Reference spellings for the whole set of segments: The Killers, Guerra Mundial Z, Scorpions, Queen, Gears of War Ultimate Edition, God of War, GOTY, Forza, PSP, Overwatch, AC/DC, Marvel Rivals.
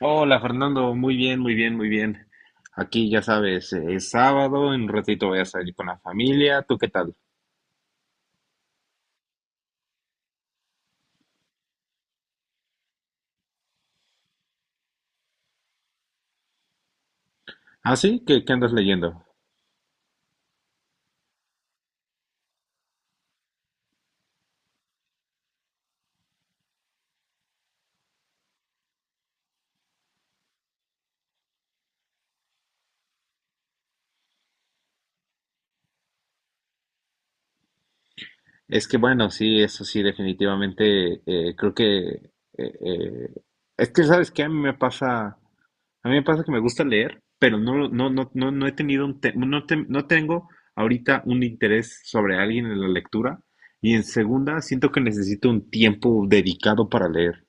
Hola Fernando, muy bien, muy bien, muy bien. Aquí ya sabes, es sábado, en un ratito voy a salir con la familia. ¿Tú qué tal? ¿Ah, sí? ¿Qué andas leyendo? Es que bueno, sí, eso sí, definitivamente eh, es que sabes que a mí me pasa, a mí me pasa que me gusta leer, pero no he tenido un te- no tengo ahorita un interés sobre alguien en la lectura. Y en segunda, siento que necesito un tiempo dedicado para leer.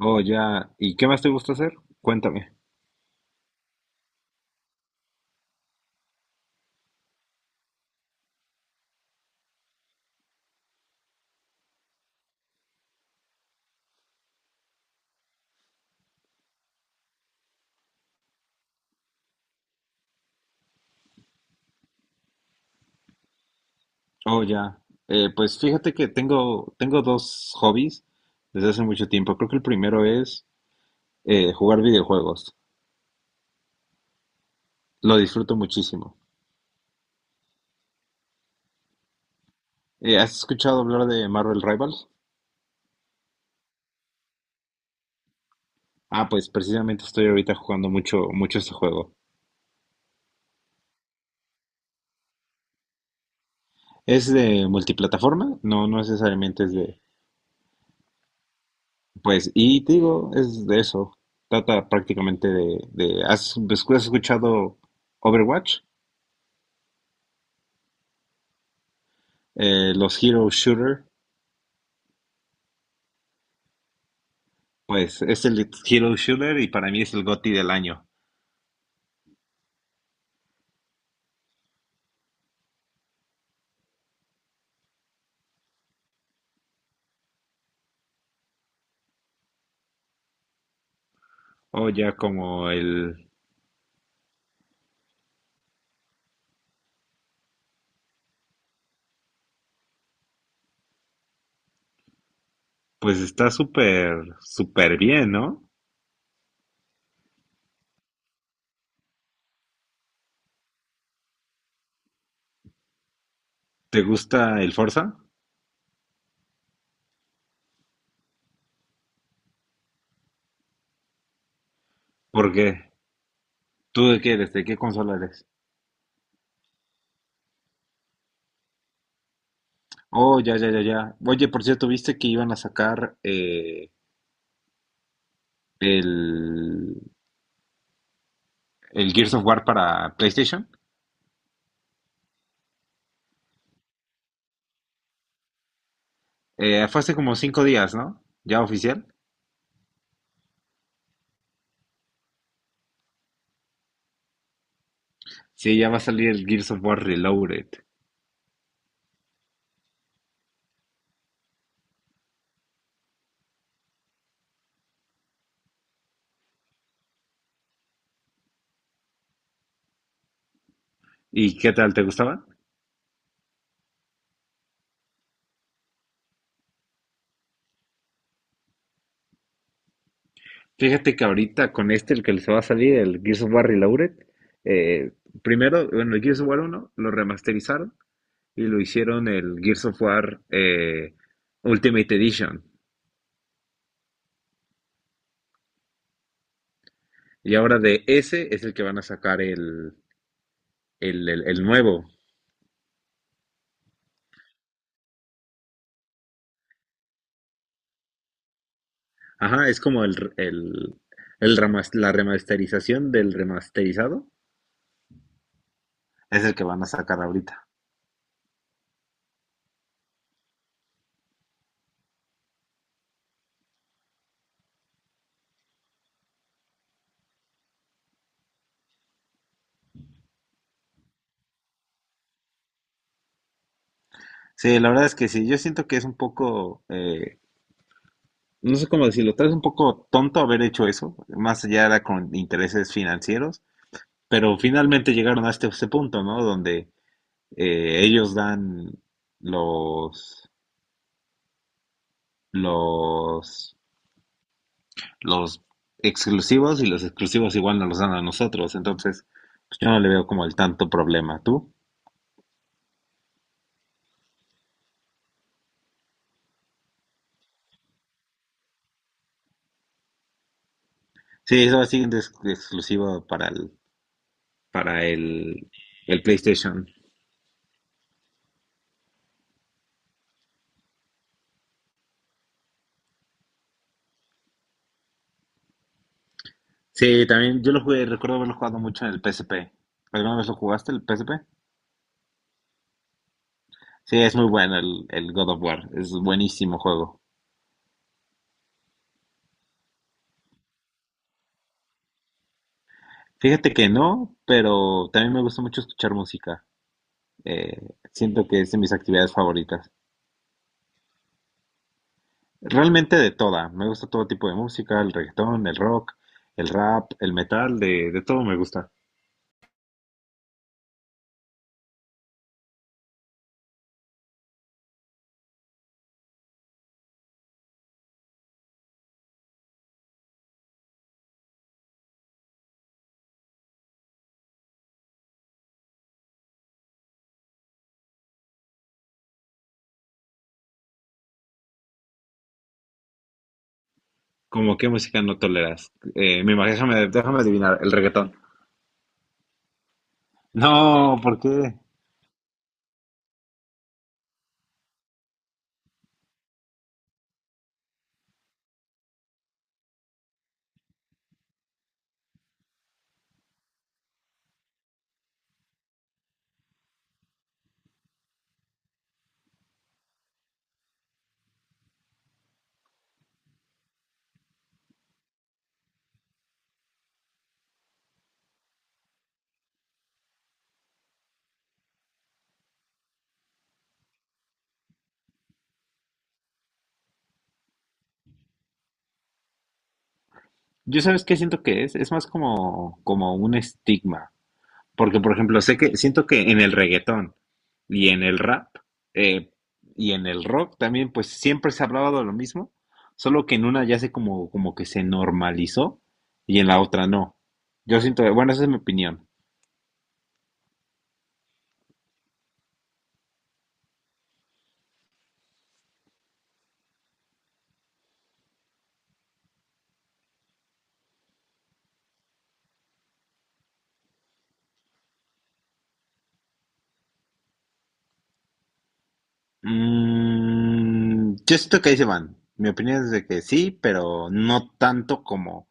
Oh, ya. ¿Y qué más te gusta hacer? Cuéntame. Oh, ya. Pues fíjate que tengo dos hobbies desde hace mucho tiempo. Creo que el primero es jugar videojuegos. Lo disfruto muchísimo. ¿Has escuchado hablar de Marvel Rivals? Ah, pues precisamente estoy ahorita jugando mucho, mucho este juego. Es de multiplataforma, no necesariamente es de... Pues, y te digo, es de eso. Trata prácticamente de ¿has escuchado Overwatch? Los Hero Shooter. Pues es el Hero Shooter y para mí es el GOTY del año. O ya como el... Pues está súper, súper bien, ¿no? ¿Te gusta el Forza? ¿Por qué? ¿Tú de qué eres? ¿De qué consola eres? Oh, ya. Oye, por cierto, ¿viste que iban a sacar el, el Gears of War para PlayStation? Fue hace como 5 días, ¿no? ¿Ya oficial? Sí, ya va a salir el Gears of War Reloaded. ¿Y qué tal? ¿Te gustaba? Fíjate que ahorita con este, el que les va a salir, el Gears of War Reloaded, eh, primero, bueno, el Gears of War 1 lo remasterizaron y lo hicieron el Gears of War Ultimate Edition. Y ahora de ese es el que van a sacar el nuevo. Ajá, es como el la remasterización del remasterizado. Es el que van a sacar ahorita. Sí, la verdad es que sí, yo siento que es un poco no sé cómo decirlo, tal vez un poco tonto haber hecho eso, más allá era con intereses financieros, pero finalmente llegaron a este punto, ¿no? Donde ellos dan los, los, los exclusivos y los exclusivos igual nos los dan a nosotros, entonces pues yo no le veo como el tanto problema. ¿Tú? Sí, eso va siendo exclusivo para para el, el PlayStation. Sí, también yo lo jugué, recuerdo haberlo jugado mucho en el PSP. ¿Alguna vez lo jugaste el PSP? Sí, es muy bueno el God of War, es buenísimo juego. Fíjate que no, pero también me gusta mucho escuchar música. Eh, Siento que es de mis actividades favoritas. Realmente de toda, me gusta todo tipo de música, el reggaetón, el rock, el rap, el metal, de todo me gusta. ¿Cómo qué música no toleras? Me imagino, déjame adivinar, el reggaetón. No, ¿por qué? Yo sabes qué siento que es más como, como un estigma. Porque, por ejemplo, sé que siento que en el reggaetón y en el rap eh, y en el rock también, pues siempre se ha hablado de lo mismo, solo que en una ya se como, como que se normalizó y en la otra no. Yo siento, bueno, esa es mi opinión. Mm, yo siento que ahí se van. Mi opinión es de que sí, pero no tanto como,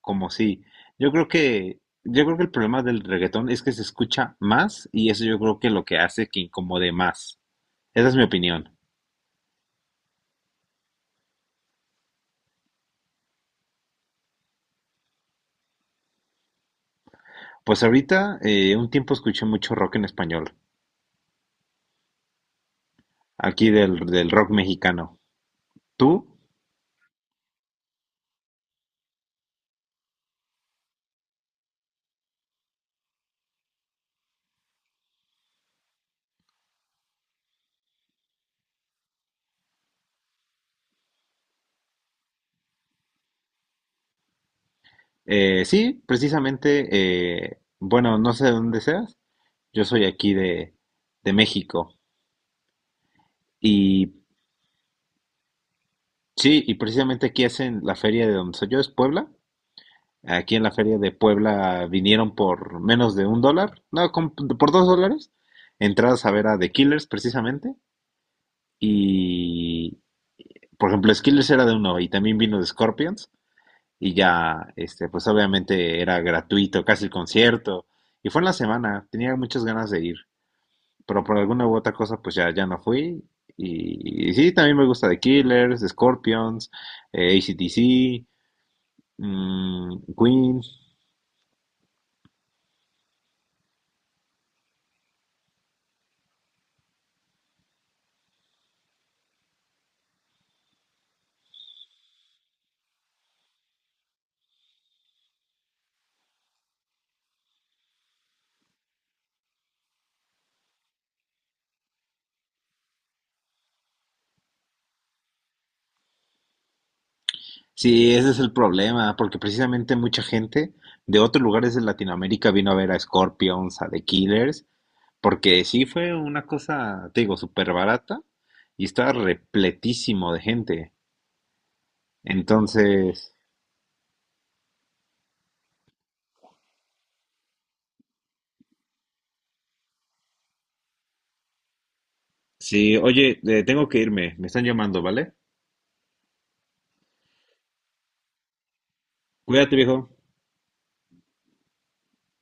como sí. Yo creo que el problema del reggaetón es que se escucha más y eso yo creo que lo que hace que incomode más. Esa es mi opinión. Pues ahorita, un tiempo escuché mucho rock en español, aquí del rock mexicano. ¿Tú? Sí, precisamente, bueno, no sé de dónde seas, yo soy aquí de México. Y sí, y precisamente aquí hacen la feria de donde soy yo, es Puebla. Aquí en la feria de Puebla vinieron por menos de un dólar, no, con- por $2, entradas a ver a The Killers precisamente. Y, por ejemplo, The Killers era de uno y también vino de Scorpions. Y ya, este, pues obviamente era gratuito, casi el concierto. Y fue en la semana, tenía muchas ganas de ir, pero por alguna u otra cosa, pues ya no fui. Y sí, también me gusta The Killers, Scorpions, AC/DC, mm, Queen. Sí, ese es el problema, porque precisamente mucha gente de otros lugares de Latinoamérica vino a ver a Scorpions, a The Killers, porque sí fue una cosa, te digo, súper barata y estaba repletísimo de gente. Entonces, sí, oye, tengo que irme, me están llamando, ¿vale? Cuídate, viejo.